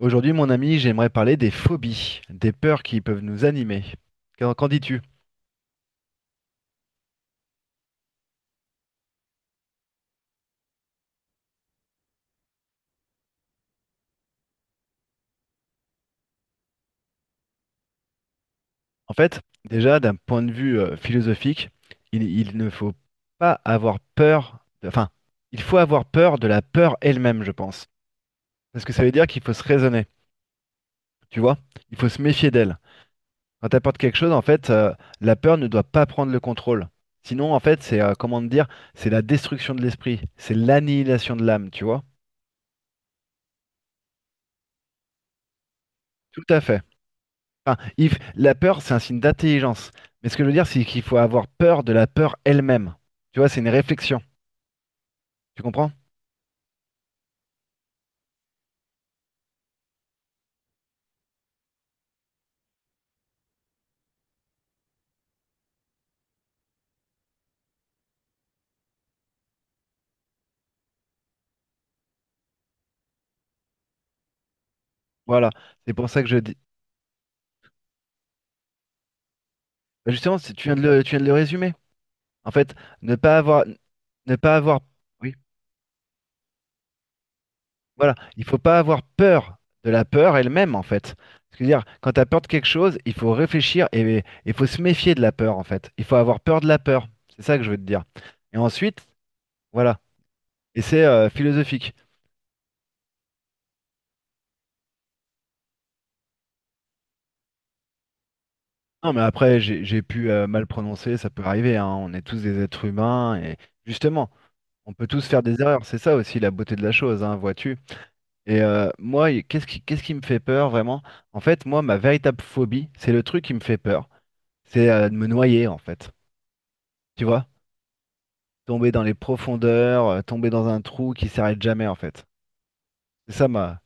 Aujourd'hui, mon ami, j'aimerais parler des phobies, des peurs qui peuvent nous animer. Qu'en dis-tu? En fait, déjà, d'un point de vue philosophique, il ne faut pas avoir peur, enfin, il faut avoir peur de la peur elle-même, je pense. Parce que ça veut dire qu'il faut se raisonner, tu vois? Il faut se méfier d'elle. Quand t'apportes quelque chose, en fait, la peur ne doit pas prendre le contrôle. Sinon, en fait, comment te dire, c'est la destruction de l'esprit, c'est l'annihilation de l'âme, tu vois? Tout à fait. Enfin, il la peur, c'est un signe d'intelligence. Mais ce que je veux dire, c'est qu'il faut avoir peur de la peur elle-même. Tu vois, c'est une réflexion. Tu comprends? Voilà. C'est pour ça que je dis. Bah, justement, tu viens tu viens de le résumer. En fait, ne pas avoir, ne pas avoir. Oui. Voilà. Il faut pas avoir peur de la peur elle-même, en fait. C'est-à-dire, quand tu as peur de quelque chose, il faut réfléchir et il faut se méfier de la peur, en fait. Il faut avoir peur de la peur. C'est ça que je veux te dire. Et ensuite, voilà. Et c'est philosophique. Non, mais après, j'ai pu mal prononcer, ça peut arriver, hein. On est tous des êtres humains et justement, on peut tous faire des erreurs. C'est ça aussi la beauté de la chose, hein, vois-tu. Et moi, qu'est-ce qui me fait peur vraiment? En fait, moi, ma véritable phobie, c'est le truc qui me fait peur. C'est de me noyer, en fait. Tu vois? Tomber dans les profondeurs, tomber dans un trou qui s'arrête jamais, en fait. C'est ça ma.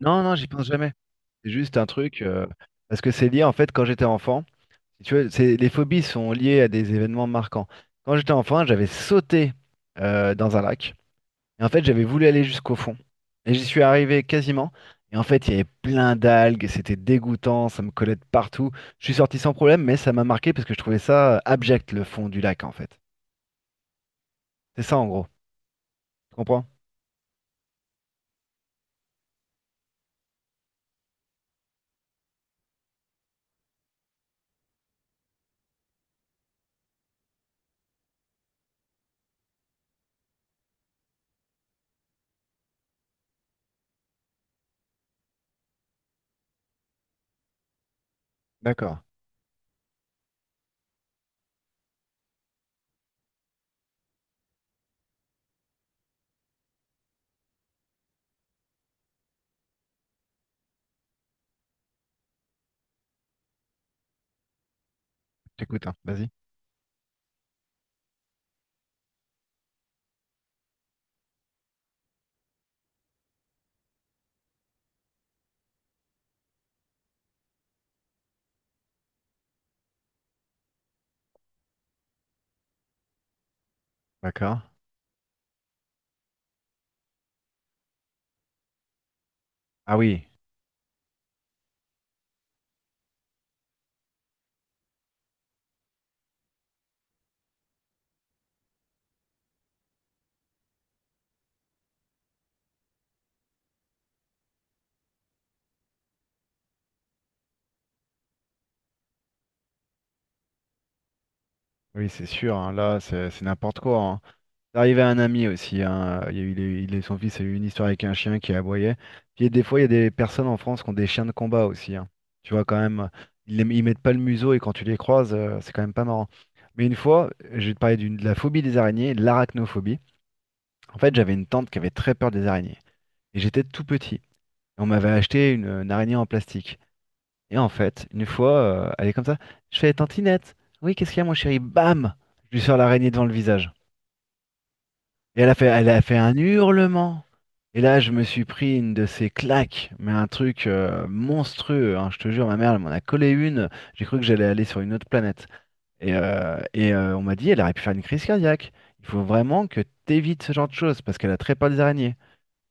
Non, non, j'y pense jamais. C'est juste un truc, parce que c'est lié, en fait, quand j'étais enfant. Tu vois, les phobies sont liées à des événements marquants. Quand j'étais enfant, j'avais sauté dans un lac. Et en fait, j'avais voulu aller jusqu'au fond. Et j'y suis arrivé quasiment. Et en fait, il y avait plein d'algues. C'était dégoûtant. Ça me collait de partout. Je suis sorti sans problème, mais ça m'a marqué parce que je trouvais ça abject, le fond du lac, en fait. C'est ça, en gros. Tu comprends? D'accord. J'écoute, hein. Vas-y. D'accord. Ah oui. Oui, c'est sûr, hein. Là, c'est n'importe quoi, hein. C'est arrivé à un ami aussi, hein. Il y a eu, son fils a eu une histoire avec un chien qui aboyait. Puis des fois, il y a des personnes en France qui ont des chiens de combat aussi, hein. Tu vois, quand même, ils mettent pas le museau et quand tu les croises, c'est quand même pas marrant. Mais une fois, je vais te parler de la phobie des araignées, de l'arachnophobie. En fait, j'avais une tante qui avait très peur des araignées. Et j'étais tout petit. Et on m'avait acheté une araignée en plastique. Et en fait, une fois, elle est comme ça. Je fais Tantinette. Oui, qu'est-ce qu'il y a, mon chéri? Bam! Je lui sors l'araignée devant le visage. Et elle a fait un hurlement. Et là, je me suis pris une de ces claques, mais un truc monstrueux, hein, je te jure, ma mère, elle m'en a collé une. J'ai cru que j'allais aller sur une autre planète. Et on m'a dit, elle aurait pu faire une crise cardiaque. Il faut vraiment que t'évites ce genre de choses parce qu'elle a très peur des araignées.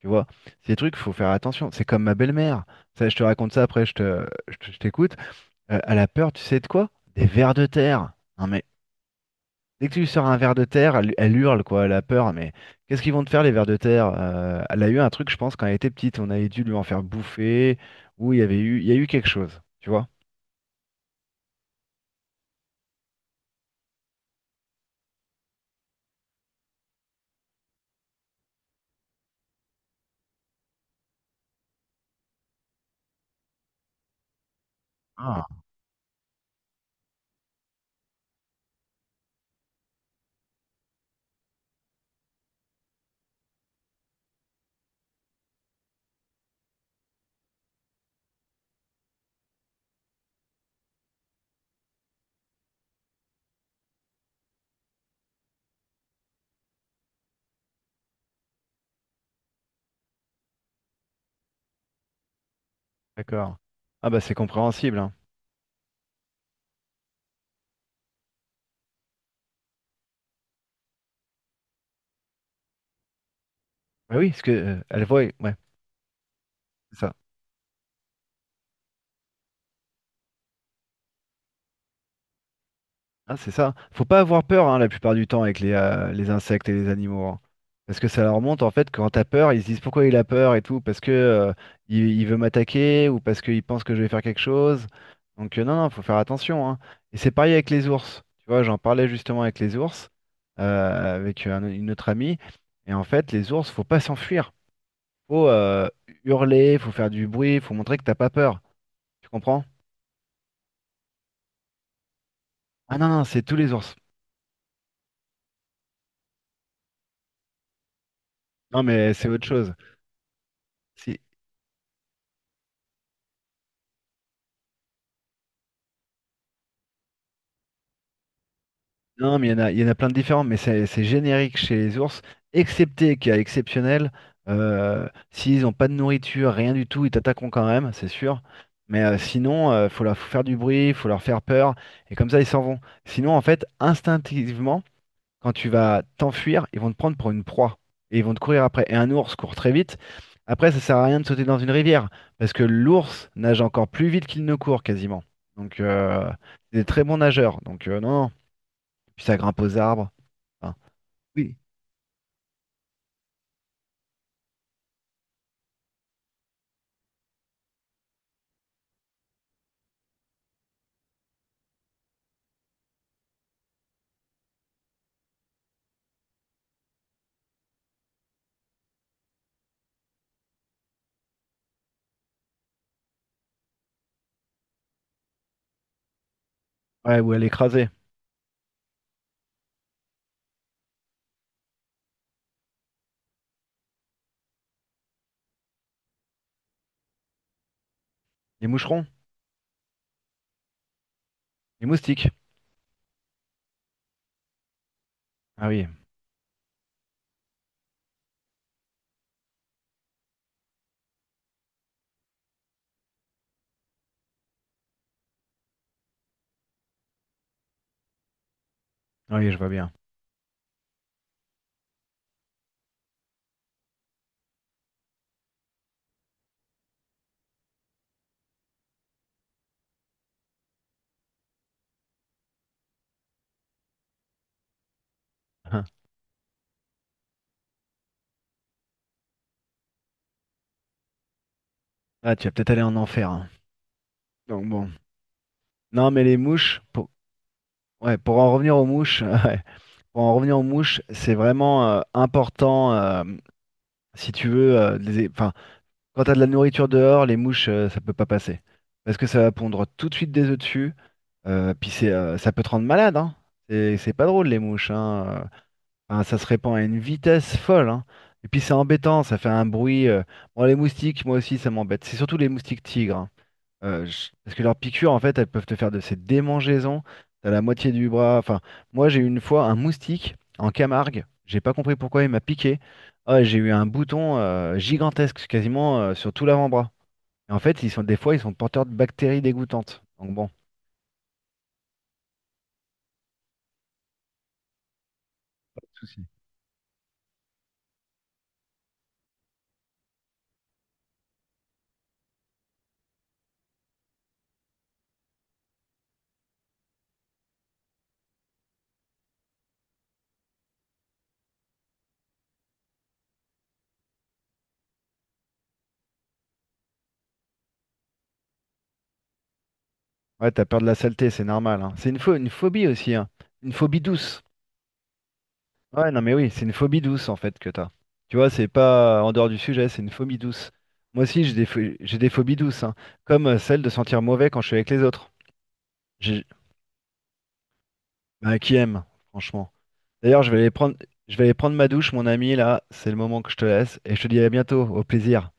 Tu vois, ces trucs, faut faire attention. C'est comme ma belle-mère. Ça, je te raconte ça après, je t'écoute. Elle a peur, tu sais de quoi? Des vers de terre. Non mais dès que tu lui sors un ver de terre, elle hurle, quoi, elle a peur, mais qu'est-ce qu'ils vont te faire les vers de terre? Elle a eu un truc, je pense, quand elle était petite, on avait dû lui en faire bouffer, ou il y a eu quelque chose, tu vois? Ah, d'accord. Ah bah c'est compréhensible, hein. Bah oui, parce que elle voit, ouais, c'est ça. Ah, c'est ça. Faut pas avoir peur hein, la plupart du temps avec les insectes et les animaux, hein. Parce que ça leur montre en fait quand t'as peur, ils se disent pourquoi il a peur et tout, parce que il veut m'attaquer ou parce qu'il pense que je vais faire quelque chose. Donc non, non, faut faire attention, hein. Et c'est pareil avec les ours. Tu vois, j'en parlais justement avec les ours, avec une autre amie. Et en fait, les ours, faut pas s'enfuir. Faut hurler, faut faire du bruit, faut montrer que t'as pas peur. Tu comprends? Ah non, non, c'est tous les ours. Non, mais c'est autre chose. Si non, mais il y en a, il y en a plein de différents, mais c'est générique chez les ours, excepté qu'il y a exceptionnel. S'ils n'ont pas de nourriture, rien du tout, ils t'attaqueront quand même, c'est sûr. Mais sinon, faut faire du bruit, faut leur faire peur, et comme ça, ils s'en vont. Sinon, en fait, instinctivement, quand tu vas t'enfuir, ils vont te prendre pour une proie, et ils vont te courir après. Et un ours court très vite. Après, ça sert à rien de sauter dans une rivière, parce que l'ours nage encore plus vite qu'il ne court quasiment. Donc, c'est des très bons nageurs. Donc, non. Puis ça grimpe aux arbres. Enfin, oui. Ouais, où elle est écrasée. Les moucherons, les moustiques. Ah oui. Ah oui, je vois bien. Ah, tu vas peut-être aller en enfer, hein. Donc bon. Non, mais les mouches, ouais, pour en revenir aux mouches, ouais, pour en revenir aux mouches, c'est vraiment important si tu veux, de enfin, quand t'as de la nourriture dehors, les mouches, ça peut pas passer parce que ça va pondre tout de suite des œufs dessus. Puis ça peut te rendre malade, hein. C'est pas drôle les mouches, hein. euh. Enfin, ça se répand à une vitesse folle, hein. Et puis c'est embêtant, ça fait un bruit. Bon, les moustiques, moi aussi, ça m'embête. C'est surtout les moustiques tigres, hein. Parce que leurs piqûres, en fait, elles peuvent te faire de ces démangeaisons. T'as la moitié du bras. Enfin, moi, j'ai eu une fois un moustique en Camargue. J'ai pas compris pourquoi il m'a piqué. Ah, j'ai eu un bouton gigantesque, quasiment sur tout l'avant-bras. Et en fait, ils sont des fois, ils sont porteurs de bactéries dégoûtantes. Donc bon, souci. Ouais, t'as peur de la saleté, c'est normal, hein. C'est une phobie aussi, hein. Une phobie douce. Ouais, non, mais oui, c'est une phobie douce en fait que t'as. Tu vois, c'est pas en dehors du sujet, c'est une phobie douce. Moi aussi, j'ai j'ai des phobies douces, hein, comme celle de sentir mauvais quand je suis avec les autres. J'ai- bah, qui aime, franchement. D'ailleurs, je vais aller prendre ma douche, mon ami, là, c'est le moment que je te laisse, et je te dis à bientôt, au plaisir.